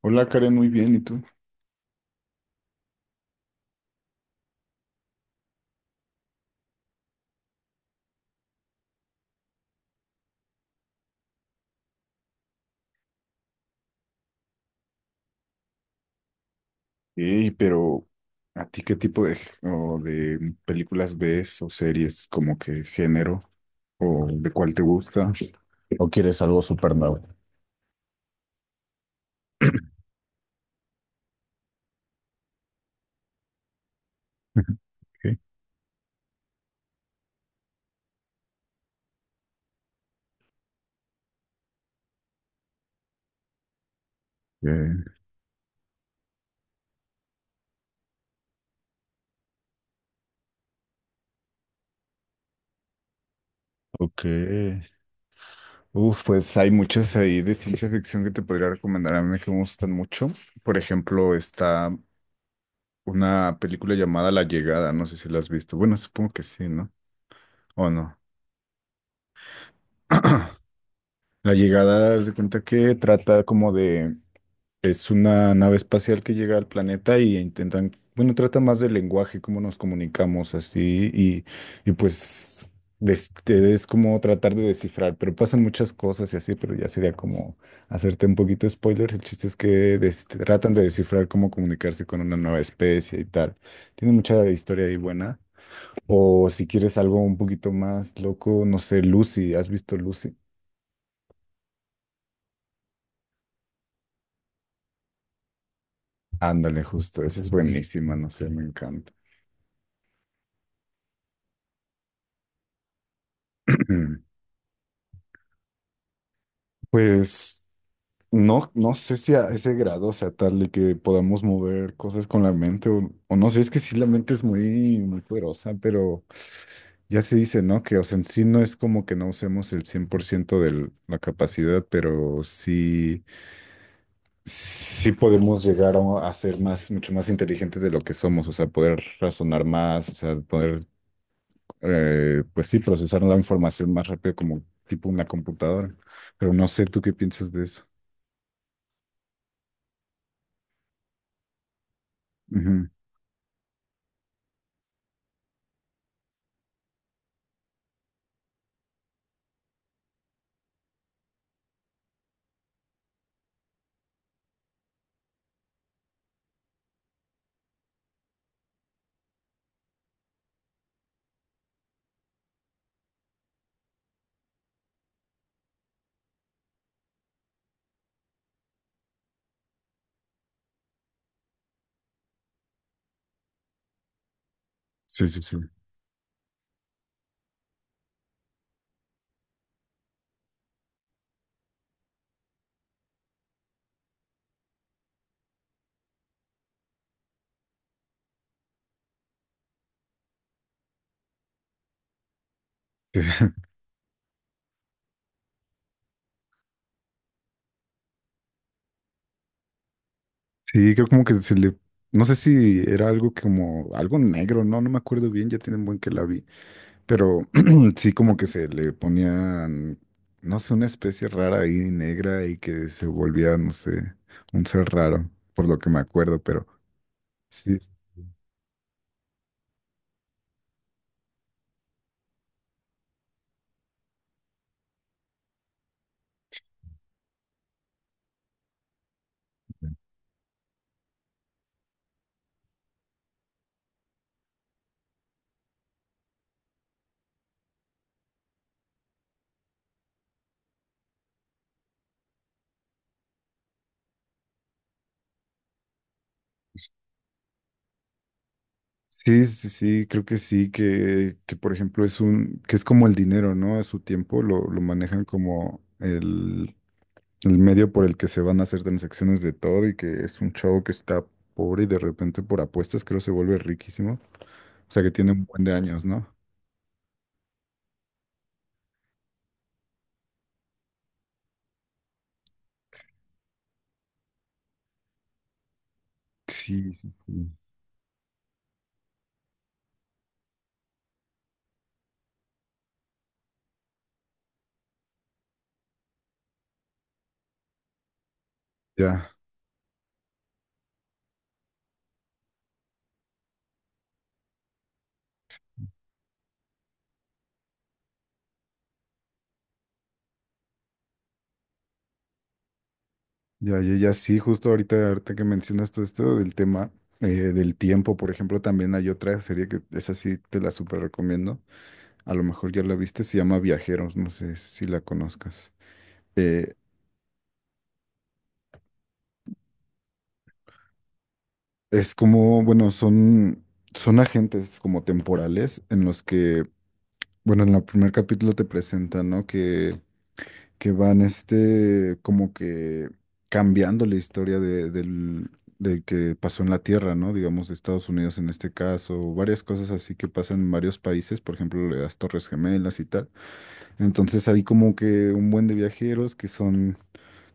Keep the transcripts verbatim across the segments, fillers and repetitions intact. Hola Karen, muy bien, ¿y tú? Sí, pero ¿a ti qué tipo de, g- o de películas ves o series, como que género o de cuál te gusta? ¿O quieres algo súper nuevo? ¿Qué? Eh, ok. Uf, pues hay muchas ahí de ciencia ficción que te podría recomendar. A mí que me gustan mucho. Por ejemplo, está una película llamada La Llegada. No sé si la has visto. Bueno, supongo que sí, ¿no? ¿O no? La Llegada, haz de cuenta que trata como de. Es una nave espacial que llega al planeta y intentan, bueno, trata más del lenguaje, cómo nos comunicamos así y, y pues des- te- es como tratar de descifrar, pero pasan muchas cosas y así, pero ya sería como hacerte un poquito de spoilers. El chiste es que des- tratan de descifrar cómo comunicarse con una nueva especie y tal. Tiene mucha historia ahí buena. O si quieres algo un poquito más loco, no sé, Lucy, ¿has visto Lucy? Ándale, justo, esa es buenísima, no sé, me encanta. Pues... No, no sé si a ese grado, o sea, tal de que podamos mover cosas con la mente o, o no sé, es que sí la mente es muy, muy poderosa, pero ya se dice, ¿no? Que, o sea, en sí no es como que no usemos el cien por ciento de la capacidad, pero sí, sí podemos llegar a, a ser más, mucho más inteligentes de lo que somos, o sea, poder razonar más, o sea, poder, eh, pues sí, procesar la información más rápido como tipo una computadora, pero no sé, ¿tú qué piensas de eso? Ujú. Sí, sí, sí. Sí, creo como que se le, no sé si era algo que como, algo negro, no, no me acuerdo bien, ya tienen buen que la vi, pero sí como que se le ponían, no sé, una especie rara ahí negra y que se volvía, no sé, un ser raro, por lo que me acuerdo, pero sí, sí, sí, sí, creo que sí, que, que por ejemplo es un, que es como el dinero, ¿no? A su tiempo lo, lo manejan como el, el medio por el que se van a hacer transacciones de todo y que es un chavo que está pobre y de repente por apuestas creo se vuelve riquísimo. O sea que tiene un buen de años, ¿no? Sí, sí, sí. Ya, ya, ya, ya sí, justo ahorita, ahorita que mencionas todo esto del tema eh, del tiempo, por ejemplo, también hay otra serie que esa sí te la súper recomiendo. A lo mejor ya la viste, se llama Viajeros, no sé si la conozcas. Eh, es como, bueno, son, son agentes como temporales en los que. Bueno, en el primer capítulo te presentan, ¿no? Que, que van este, como que cambiando la historia de, del, del que pasó en la Tierra, ¿no? Digamos, de Estados Unidos en este caso, varias cosas así que pasan en varios países, por ejemplo, las Torres Gemelas y tal. Entonces hay como que un buen de viajeros que son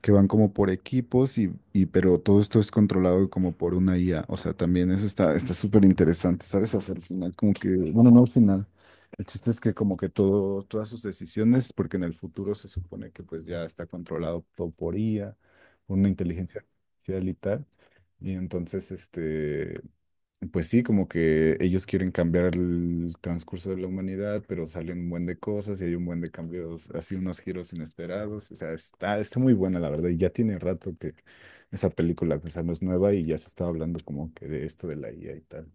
que van como por equipos y, y pero todo esto es controlado como por una I A. O sea, también eso está está súper interesante, ¿sabes? Hasta el final, como que, bueno, no al final. El chiste es que como que todo, todas sus decisiones, porque en el futuro se supone que pues ya está controlado todo por I A, una inteligencia artificial y tal. Y entonces, este, pues sí, como que ellos quieren cambiar el transcurso de la humanidad, pero salen un buen de cosas y hay un buen de cambios, así unos giros inesperados. O sea, está, está muy buena, la verdad. Y ya tiene rato que esa película, pues, no es nueva y ya se estaba hablando como que de esto de la I A y tal.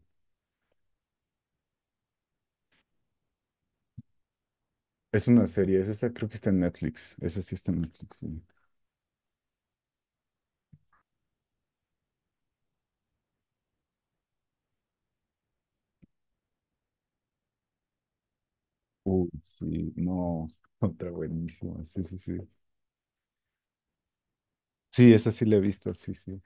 Es una serie, es esa, creo que está en Netflix. Esa sí está en Netflix, sí. Uy, sí, no, otra buenísima. Sí, sí, sí. Sí, esa sí la he visto, sí, sí.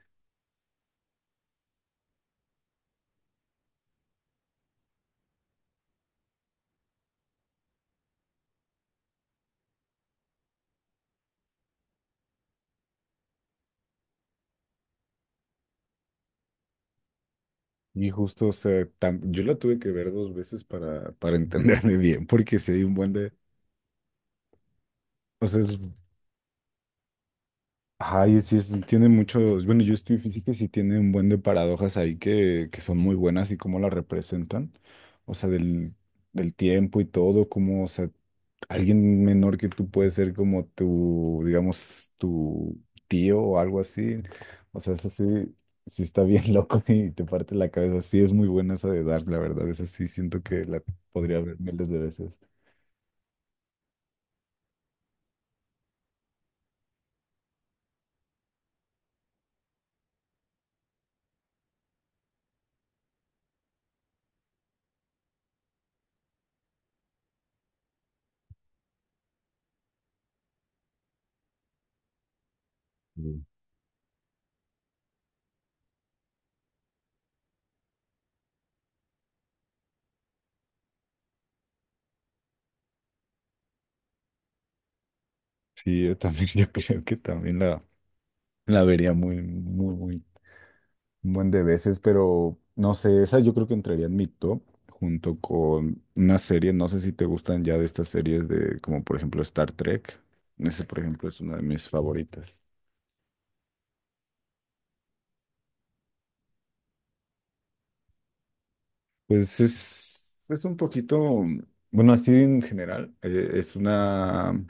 Y justo, o sea, tam- yo la tuve que ver dos veces para, para entenderme bien, porque sí hay un buen de, o sea, es, ay, sí, es- tiene muchos, bueno, yo estoy en física y sí tiene un buen de paradojas ahí que, que son muy buenas y cómo la representan, o sea, del, del tiempo y todo, cómo, o sea, alguien menor que tú puede ser como tu, digamos, tu tío o algo así. O sea, eso sí, sí está bien loco y te parte la cabeza. Sí, es muy buena esa de Dark, la verdad. Esa sí siento que la podría ver miles de veces. Mm. Sí, yo también, yo creo que también la, la vería muy, muy, muy. Un buen de veces, pero no sé, esa yo creo que entraría en mi top junto con una serie, no sé si te gustan ya de estas series de, como por ejemplo Star Trek. Ese, por ejemplo, es una de mis favoritas. Pues es, es un poquito, bueno, así en general, eh, es una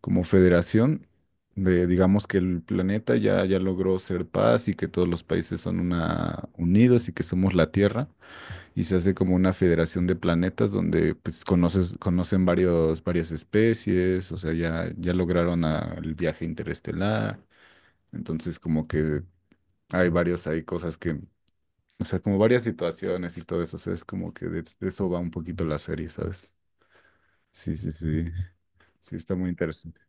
como federación de, digamos que el planeta ya, ya logró ser paz y que todos los países son una, unidos y que somos la Tierra. Y se hace como una federación de planetas donde pues conoces, conocen varios, varias especies, o sea, ya, ya lograron a- el viaje interestelar, entonces como que hay varios, hay cosas que, o sea, como varias situaciones y todo eso, o sea, es como que de, de eso va un poquito la serie, ¿sabes? Sí, sí, sí, sí, está muy interesante.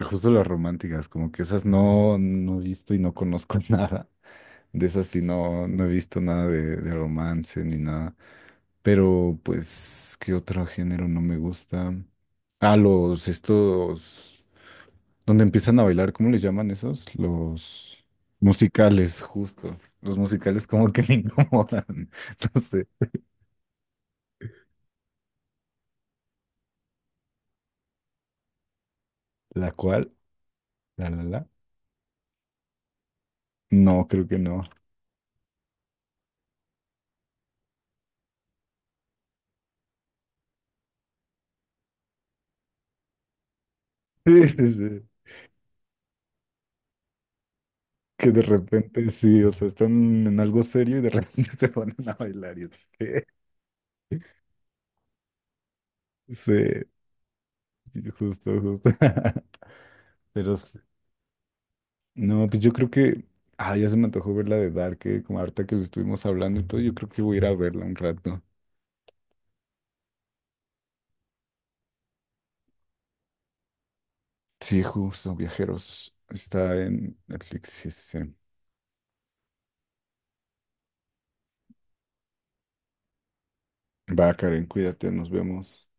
Justo las románticas, como que esas no, no he visto y no conozco nada. De esas sí no, no he visto nada de, de romance ni nada. Pero, pues, ¿qué otro género no me gusta? Ah, los estos, donde empiezan a bailar, ¿cómo les llaman esos? Los musicales, justo. Los musicales como que me incomodan. No sé. ¿La cual? ¿La, la, la? No, creo que no. Sí, sí, sí. Que de repente sí, o sea, están en algo serio y de repente se ponen a bailar y es que... Sí, justo, justo. Pero sí. No, pues yo creo que. Ah, ya se me antojó ver la de Dark, eh, como ahorita que lo estuvimos hablando y todo. Yo creo que voy a ir a verla un rato. Sí, justo, viajeros. Está en Netflix. Sí, sí, sí. Va, Karen, cuídate, nos vemos.